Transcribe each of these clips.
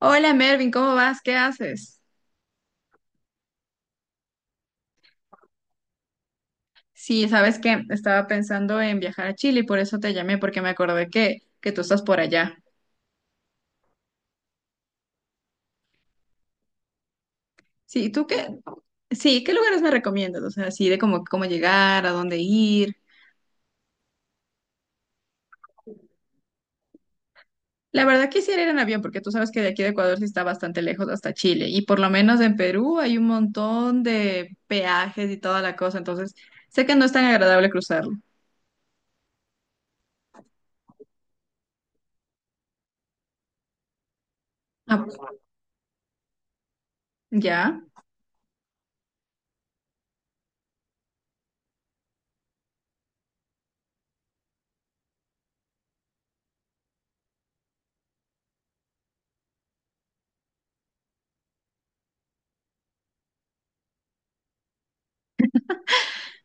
Hola Mervin, ¿cómo vas? ¿Qué haces? Sí, sabes que estaba pensando en viajar a Chile y por eso te llamé, porque me acordé que tú estás por allá. Sí, ¿tú qué? Sí, ¿qué lugares me recomiendas? O sea, así de cómo llegar, a dónde ir. La verdad quisiera ir en avión, porque tú sabes que de aquí de Ecuador sí está bastante lejos hasta Chile. Y por lo menos en Perú hay un montón de peajes y toda la cosa, entonces sé que no es tan agradable cruzarlo. Ah, ¿ya?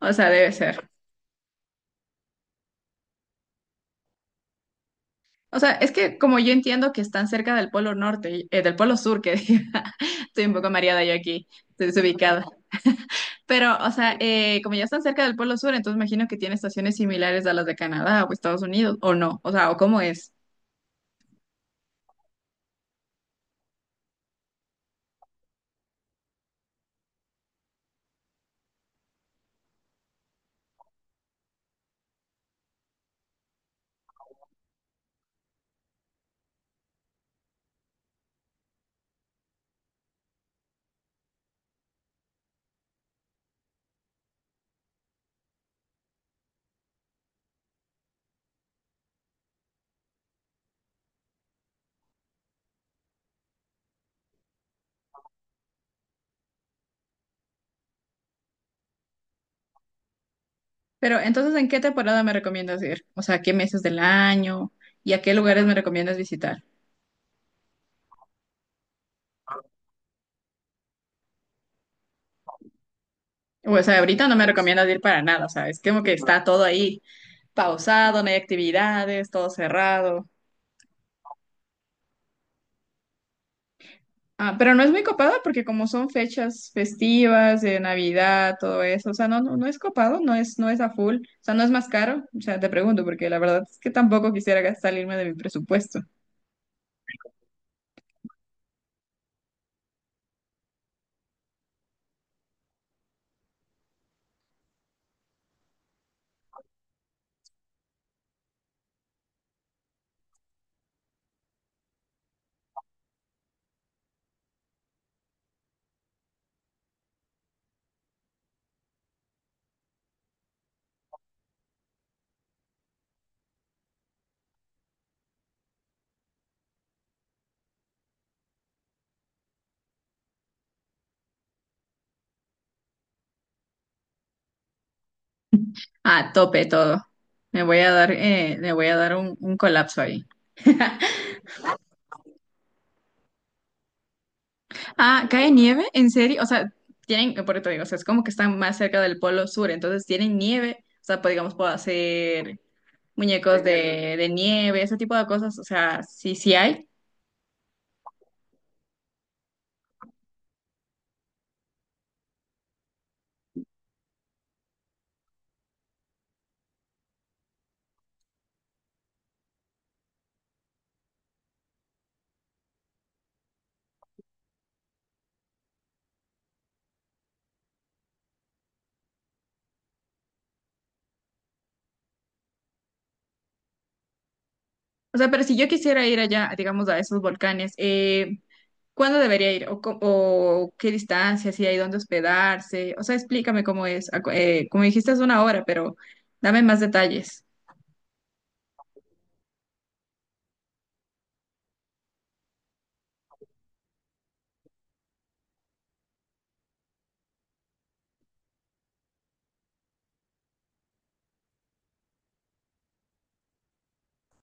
O sea, debe ser. O sea, es que como yo entiendo que están cerca del Polo Norte, del Polo Sur, que diga, estoy un poco mareada yo aquí, estoy desubicada. Pero, o sea, como ya están cerca del Polo Sur, entonces imagino que tiene estaciones similares a las de Canadá o Estados Unidos, o no, o sea, o cómo es. Pero entonces, ¿en qué temporada me recomiendas ir? O sea, ¿qué meses del año y a qué lugares me recomiendas visitar? O sea, ahorita no me recomiendas ir para nada, o sea, es como que está todo ahí pausado, no hay actividades, todo cerrado. Ah, pero no es muy copado porque como son fechas festivas de Navidad, todo eso, o sea, no, no, no es copado, no es a full, o sea, no es más caro, o sea, te pregunto porque la verdad es que tampoco quisiera gastar- salirme de mi presupuesto. Ah, tope todo. Me voy a dar, me voy a dar un colapso ahí. Ah, ¿cae nieve? ¿En serio? O sea, tienen, por eso te digo, o sea, es como que están más cerca del polo sur, entonces tienen nieve, o sea, pues, digamos, puedo hacer muñecos de nieve, ese tipo de cosas, o sea, sí, sí hay. O sea, pero si yo quisiera ir allá, digamos, a esos volcanes, ¿cuándo debería ir? ¿O, co- o qué distancia? ¿Si hay dónde hospedarse? O sea, explícame cómo es. Acu- como dijiste, es una hora, pero dame más detalles.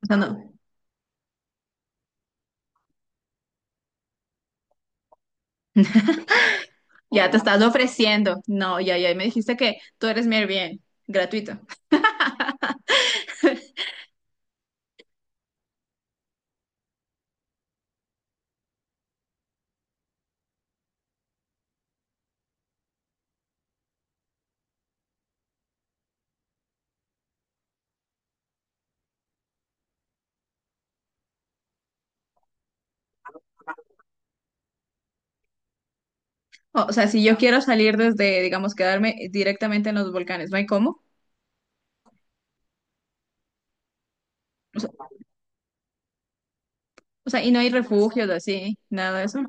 O sea, no, ya te estás ofreciendo. No, ya, ya, me dijiste que tú eres mi Airbnb, gratuito. O sea, si yo quiero salir desde, digamos, quedarme directamente en los volcanes, ¿no hay cómo? O sea, o sea, y no hay refugios así, nada de eso.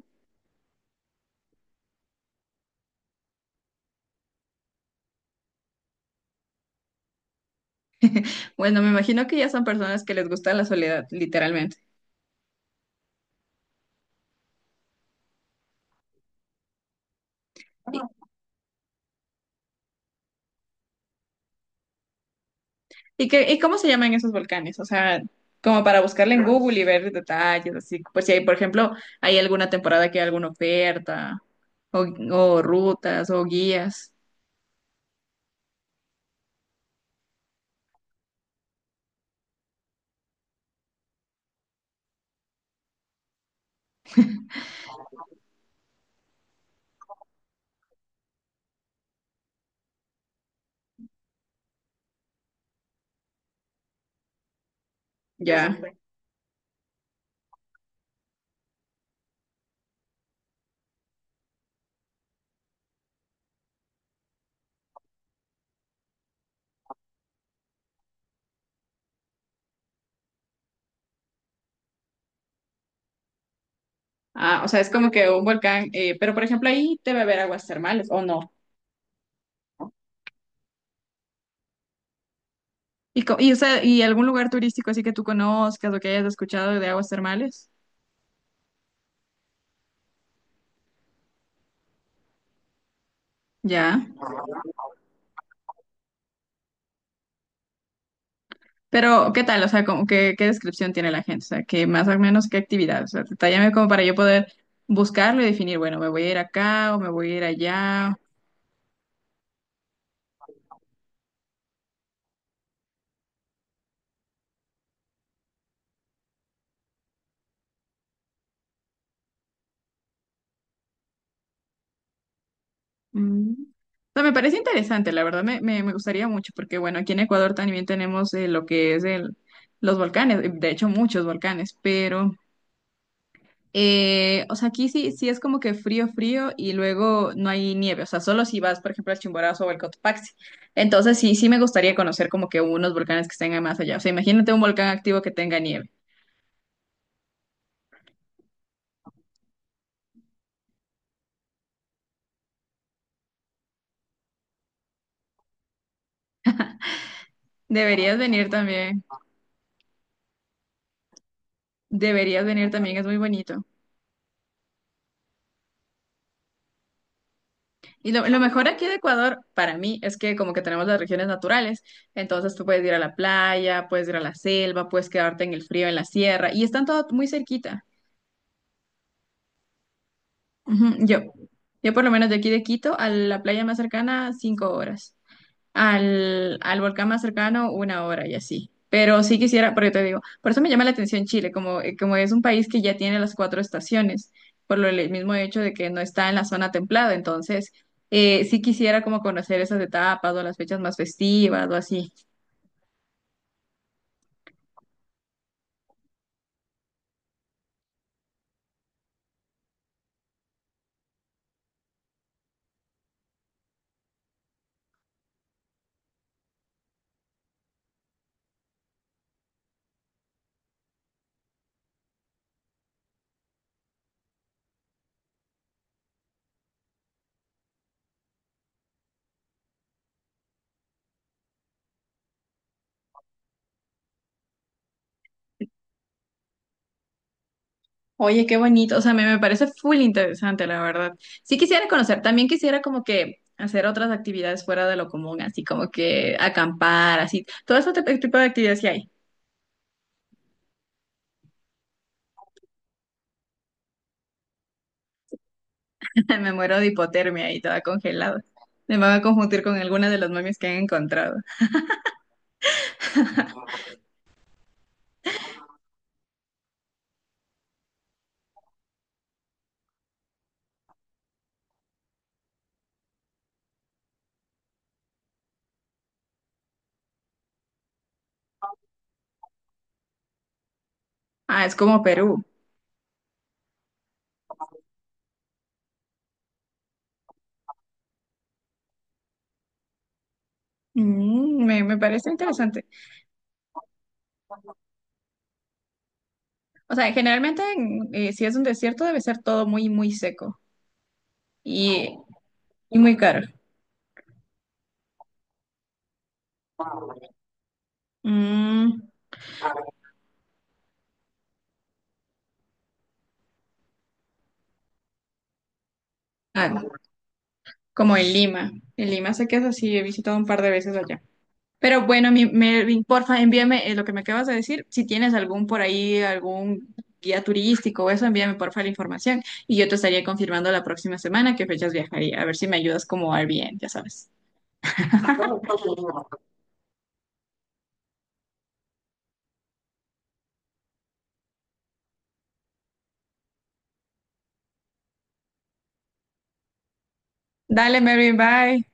Bueno, me imagino que ya son personas que les gusta la soledad, literalmente. ¿Y qué, y cómo se llaman esos volcanes? O sea, como para buscarle en Google y ver detalles, así, pues si hay, por ejemplo, hay alguna temporada que hay alguna oferta, o, o rutas, o guías, ya. Ah, o sea, es como que un volcán, pero por ejemplo ahí debe haber aguas termales, ¿o no? Y, co- y, o sea, ¿y algún lugar turístico así que tú conozcas o que hayas escuchado de aguas termales? Ya. Pero, ¿qué tal? O sea, como que ¿qué descripción tiene la gente? O sea, que más o menos qué actividad. O sea, detállame como para yo poder buscarlo y definir, bueno, me voy a ir acá o me voy a ir allá. Mm. O sea, me parece interesante, la verdad, me gustaría mucho, porque bueno, aquí en Ecuador también tenemos lo que es los volcanes, de hecho muchos volcanes, pero O sea, aquí sí, sí es como que frío, frío y luego no hay nieve, o sea, solo si vas, por ejemplo, al Chimborazo o al Cotopaxi. Entonces sí, sí me gustaría conocer como que unos volcanes que estén más allá. O sea, imagínate un volcán activo que tenga nieve. Deberías venir también, deberías venir también, es muy bonito. Y lo mejor aquí de Ecuador, para mí, es que como que tenemos las regiones naturales, entonces tú puedes ir a la playa, puedes ir a la selva, puedes quedarte en el frío, en la sierra, y están todo muy cerquita. Ujú. Yo por lo menos de aquí de Quito a la playa más cercana, 5 horas. Al volcán más cercano, 1 hora y así. Pero sí quisiera, porque te digo, por eso me llama la atención Chile, como, como es un país que ya tiene las cuatro estaciones, por lo, el mismo hecho de que no está en la zona templada. Entonces, sí quisiera como conocer esas etapas o las fechas más festivas o así. Oye, qué bonito, o sea, me parece full interesante, la verdad. Sí quisiera conocer, también quisiera como que hacer otras actividades fuera de lo común, así como que acampar, así, todo ese tip- tipo de actividades que hay. Me muero de hipotermia ahí toda congelada. Me van a confundir con alguna de las momias que han encontrado. Ah, es como Perú. Mm, me parece interesante. O sea, generalmente en- si es un desierto debe ser todo muy, muy seco y, y muy caro. Mm, ah, como en Lima. En Lima sé que es así, he visitado un par de veces allá. Pero bueno, mi, Melvin, porfa, envíame lo que me acabas de decir. Si tienes algún por ahí, algún guía turístico o eso, envíame porfa la información y yo te estaría confirmando la próxima semana qué fechas viajaría. A ver si me ayudas como Airbnb, ya sabes. Dale, Melvin, bye.